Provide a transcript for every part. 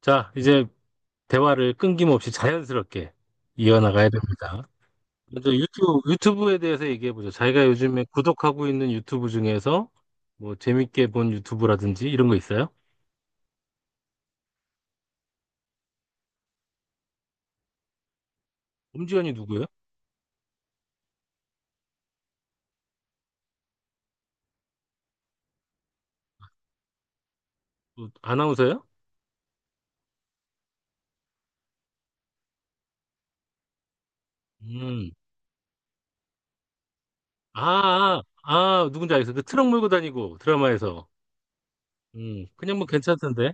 자, 이제 대화를 끊김없이 자연스럽게 이어나가야 됩니다. 먼저 유튜브, 유튜브에 대해서 얘기해보죠. 자기가 요즘에 구독하고 있는 유튜브 중에서 뭐 재밌게 본 유튜브라든지 이런 거 있어요? 엄지연이 누구예요? 뭐 아나운서예요? 음. 아, 아, 아, 누군지 알겠어. 그 트럭 몰고 다니고 드라마에서. 그냥 뭐 괜찮던데.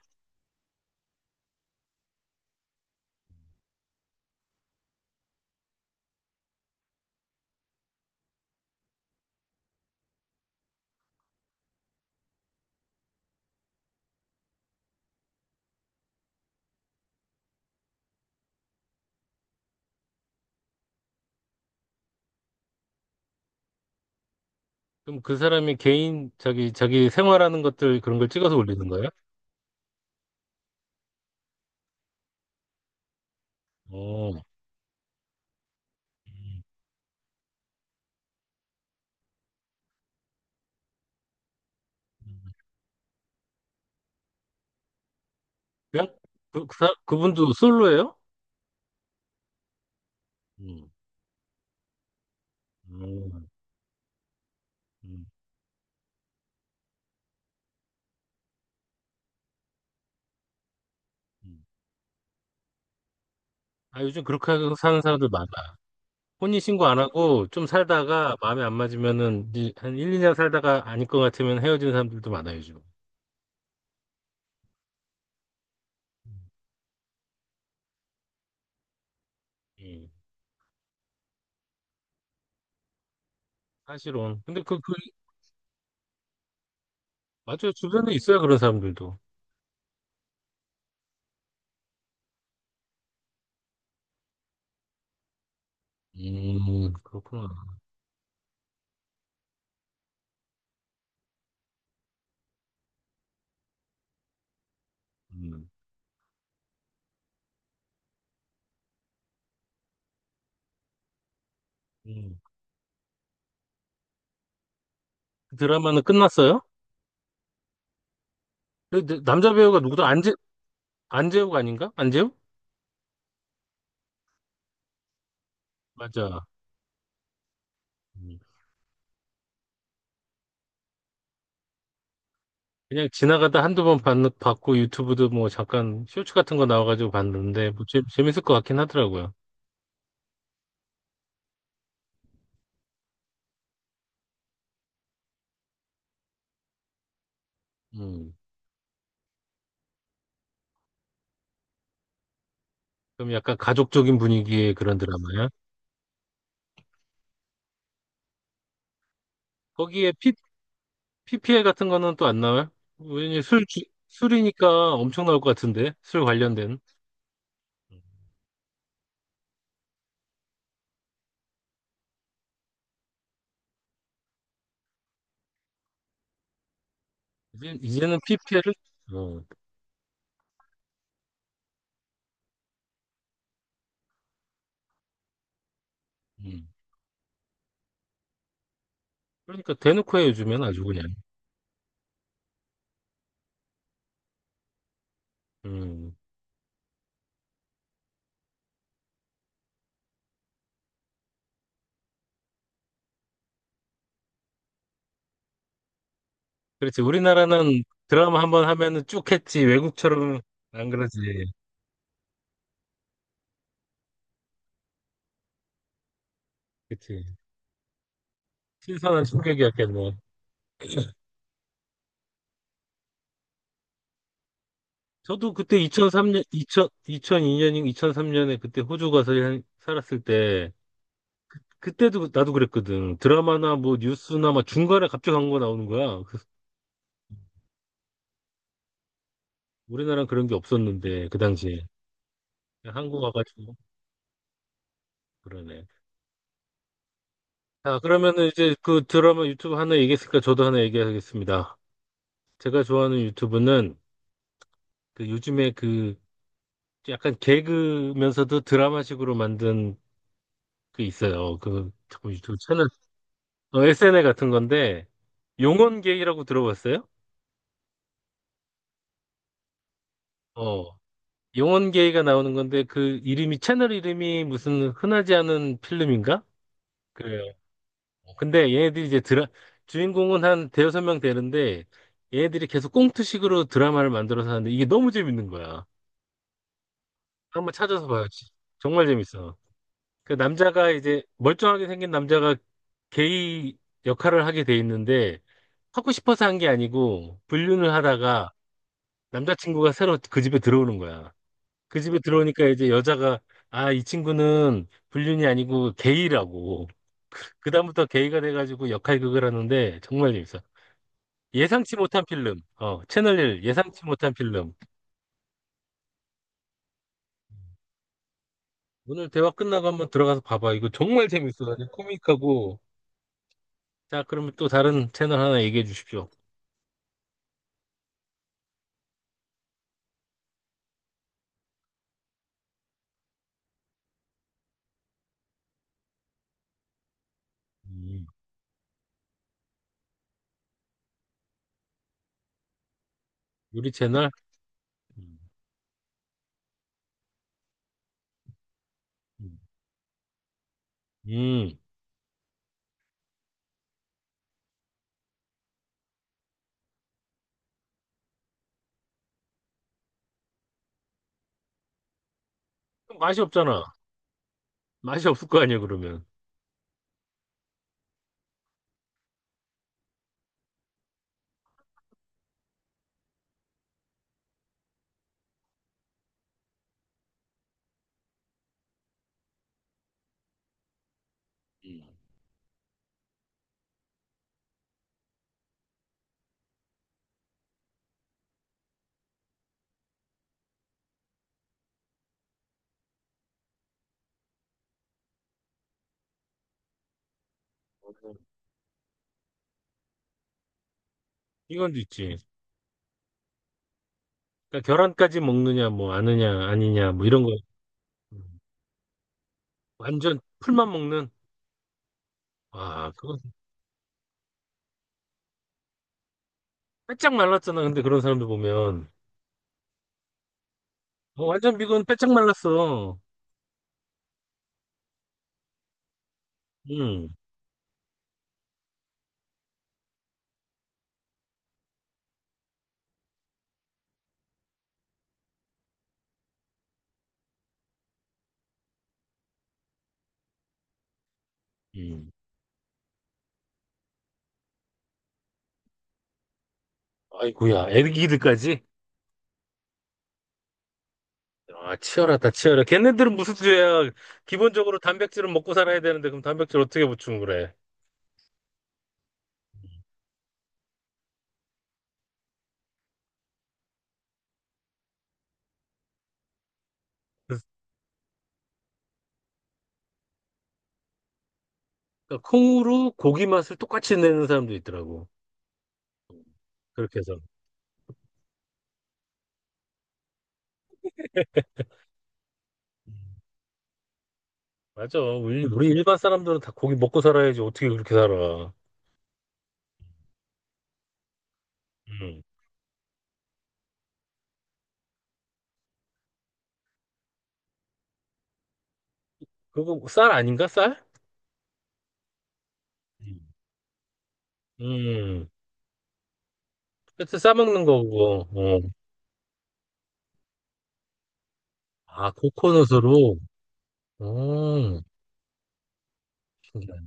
그럼 그 사람이 개인, 자기 생활하는 것들 그런 걸 찍어서 올리는 거예요? 어. 음. 그냥 그분도 솔로예요? 음. 음, 음, 음. 아, 요즘 그렇게 하고 사는 사람들 많아. 혼인신고 안 하고 좀 살다가 마음에 안 맞으면은 이제 한 1, 2년 살다가 아닐 것 같으면 헤어지는 사람들도 많아요, 요즘. 예, 사실은. 근데 그, 맞아요. 주변에 있어요, 그런 사람들도. 그렇구나. 음, 음. 그 드라마는 끝났어요? 근데 남자 배우가 누구다? 안재, 안재욱 아닌가? 안재욱? 맞아. 그냥 지나가다 한두 번 봤고 유튜브도 뭐 잠깐 쇼츠 같은 거 나와가지고 봤는데 뭐 재, 재밌을 것 같긴 하더라고요. 음. 그럼 약간 가족적인 분위기의 그런 드라마야? 거기에 P, p l 같은 거는 또 안 나와요? 왜냐면 술이니까 엄청 나올 것 같은데 술 관련된. 음. 이제는 PPL을 어, 음. 그러니까 대놓고 해 요즘엔 아주 그냥. 음. 그렇지, 우리나라는 드라마 한번 하면은 쭉 했지. 외국처럼 안 그러지. 그렇지. 신선한 충격이었겠네. 저도 그때 2003년, 2 0 0 2년인가 2003년에 그때 호주 가서 살았을 때, 그때도 그, 나도 그랬거든. 드라마나 뭐 뉴스나 막 중간에 갑자기 광고 나오는 거야. 그래서 우리나라는 그런 게 없었는데, 그 당시에. 한국 와가지고, 그러네. 자, 그러면은 이제 그 드라마 유튜브 하나 얘기했으니까 저도 하나 얘기하겠습니다. 제가 좋아하는 유튜브는 그 요즘에 그 약간 개그면서도 드라마식으로 만든 게 있어요. 그, 잠깐 유튜브 채널 어, SNL 같은 건데, 용원게이라고 들어봤어요? 어, 용원게이가 나오는 건데, 그 이름이, 채널 이름이 무슨 흔하지 않은 필름인가? 그래요. 근데 얘네들이 이제 주인공은 한 대여섯 명 되는데, 얘네들이 계속 꽁트식으로 드라마를 만들어서 하는데, 이게 너무 재밌는 거야. 한번 찾아서 봐요. 정말 재밌어. 그 남자가 이제, 멀쩡하게 생긴 남자가 게이 역할을 하게 돼 있는데, 하고 싶어서 한 게 아니고, 불륜을 하다가, 남자친구가 새로 그 집에 들어오는 거야. 그 집에 들어오니까 이제 여자가 아, 이 친구는 불륜이 아니고 게이라고. 그다음부터 게이가 돼가지고 역할극을 하는데 정말 재밌어. 예상치 못한 필름. 어, 채널1 예상치 못한 필름. 오늘 대화 끝나고 한번 들어가서 봐봐. 이거 정말 재밌어. 아주 코믹하고. 자, 그러면 또 다른 채널 하나 얘기해 주십시오. 음, 요리 채널? 음, 음. 음. 그럼 맛이 없잖아. 맛이 없을 거 아니야, 그러면. 음. 이건 있지. 그러니까 계란까지 먹느냐, 뭐, 아느냐, 아니냐, 뭐, 이런 거. 음. 완전 풀만 먹는? 와, 그거 빼짝 말랐잖아. 근데 그런 사람들 보면. 어, 완전 비건 빼짝 말랐어. 응, 응. 아이고야, 애기들까지? 아, 치열하다, 치열해. 걔네들은 무슨 죄야. 기본적으로 단백질은 먹고 살아야 되는데, 그럼 단백질 어떻게 보충 그래? 그래서 그러니까 콩으로 고기 맛을 똑같이 내는 사람도 있더라고. 그렇게 해서. 음, 맞아. 우리 일반 사람들은 다 고기 먹고 살아야지. 어떻게 그렇게 살아. 음. 그거 뭐 쌀 아닌가, 쌀? 음. 음, 그때 싸먹는 거고, 어. 아, 코코넛으로? 음, 신기하네.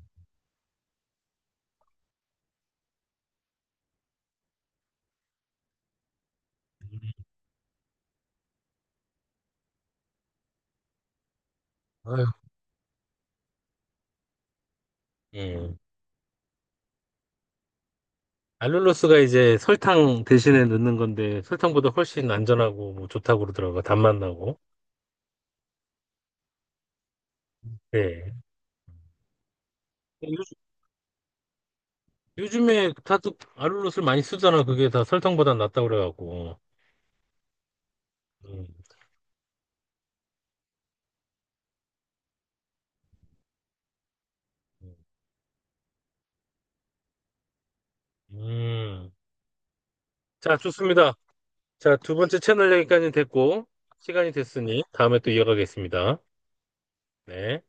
아유, 예. 알룰로스가 이제 설탕 대신에 넣는 건데, 설탕보다 훨씬 안전하고, 뭐, 좋다고 그러더라고, 단맛 나고. 네. 요즘, 요즘에 다들 알룰로스를 많이 쓰잖아. 그게 다 설탕보다 낫다고 그래갖고. 음, 음. 자, 좋습니다. 자, 두 번째 채널 여기까지 됐고, 시간이 됐으니, 다음에 또 이어가겠습니다. 네.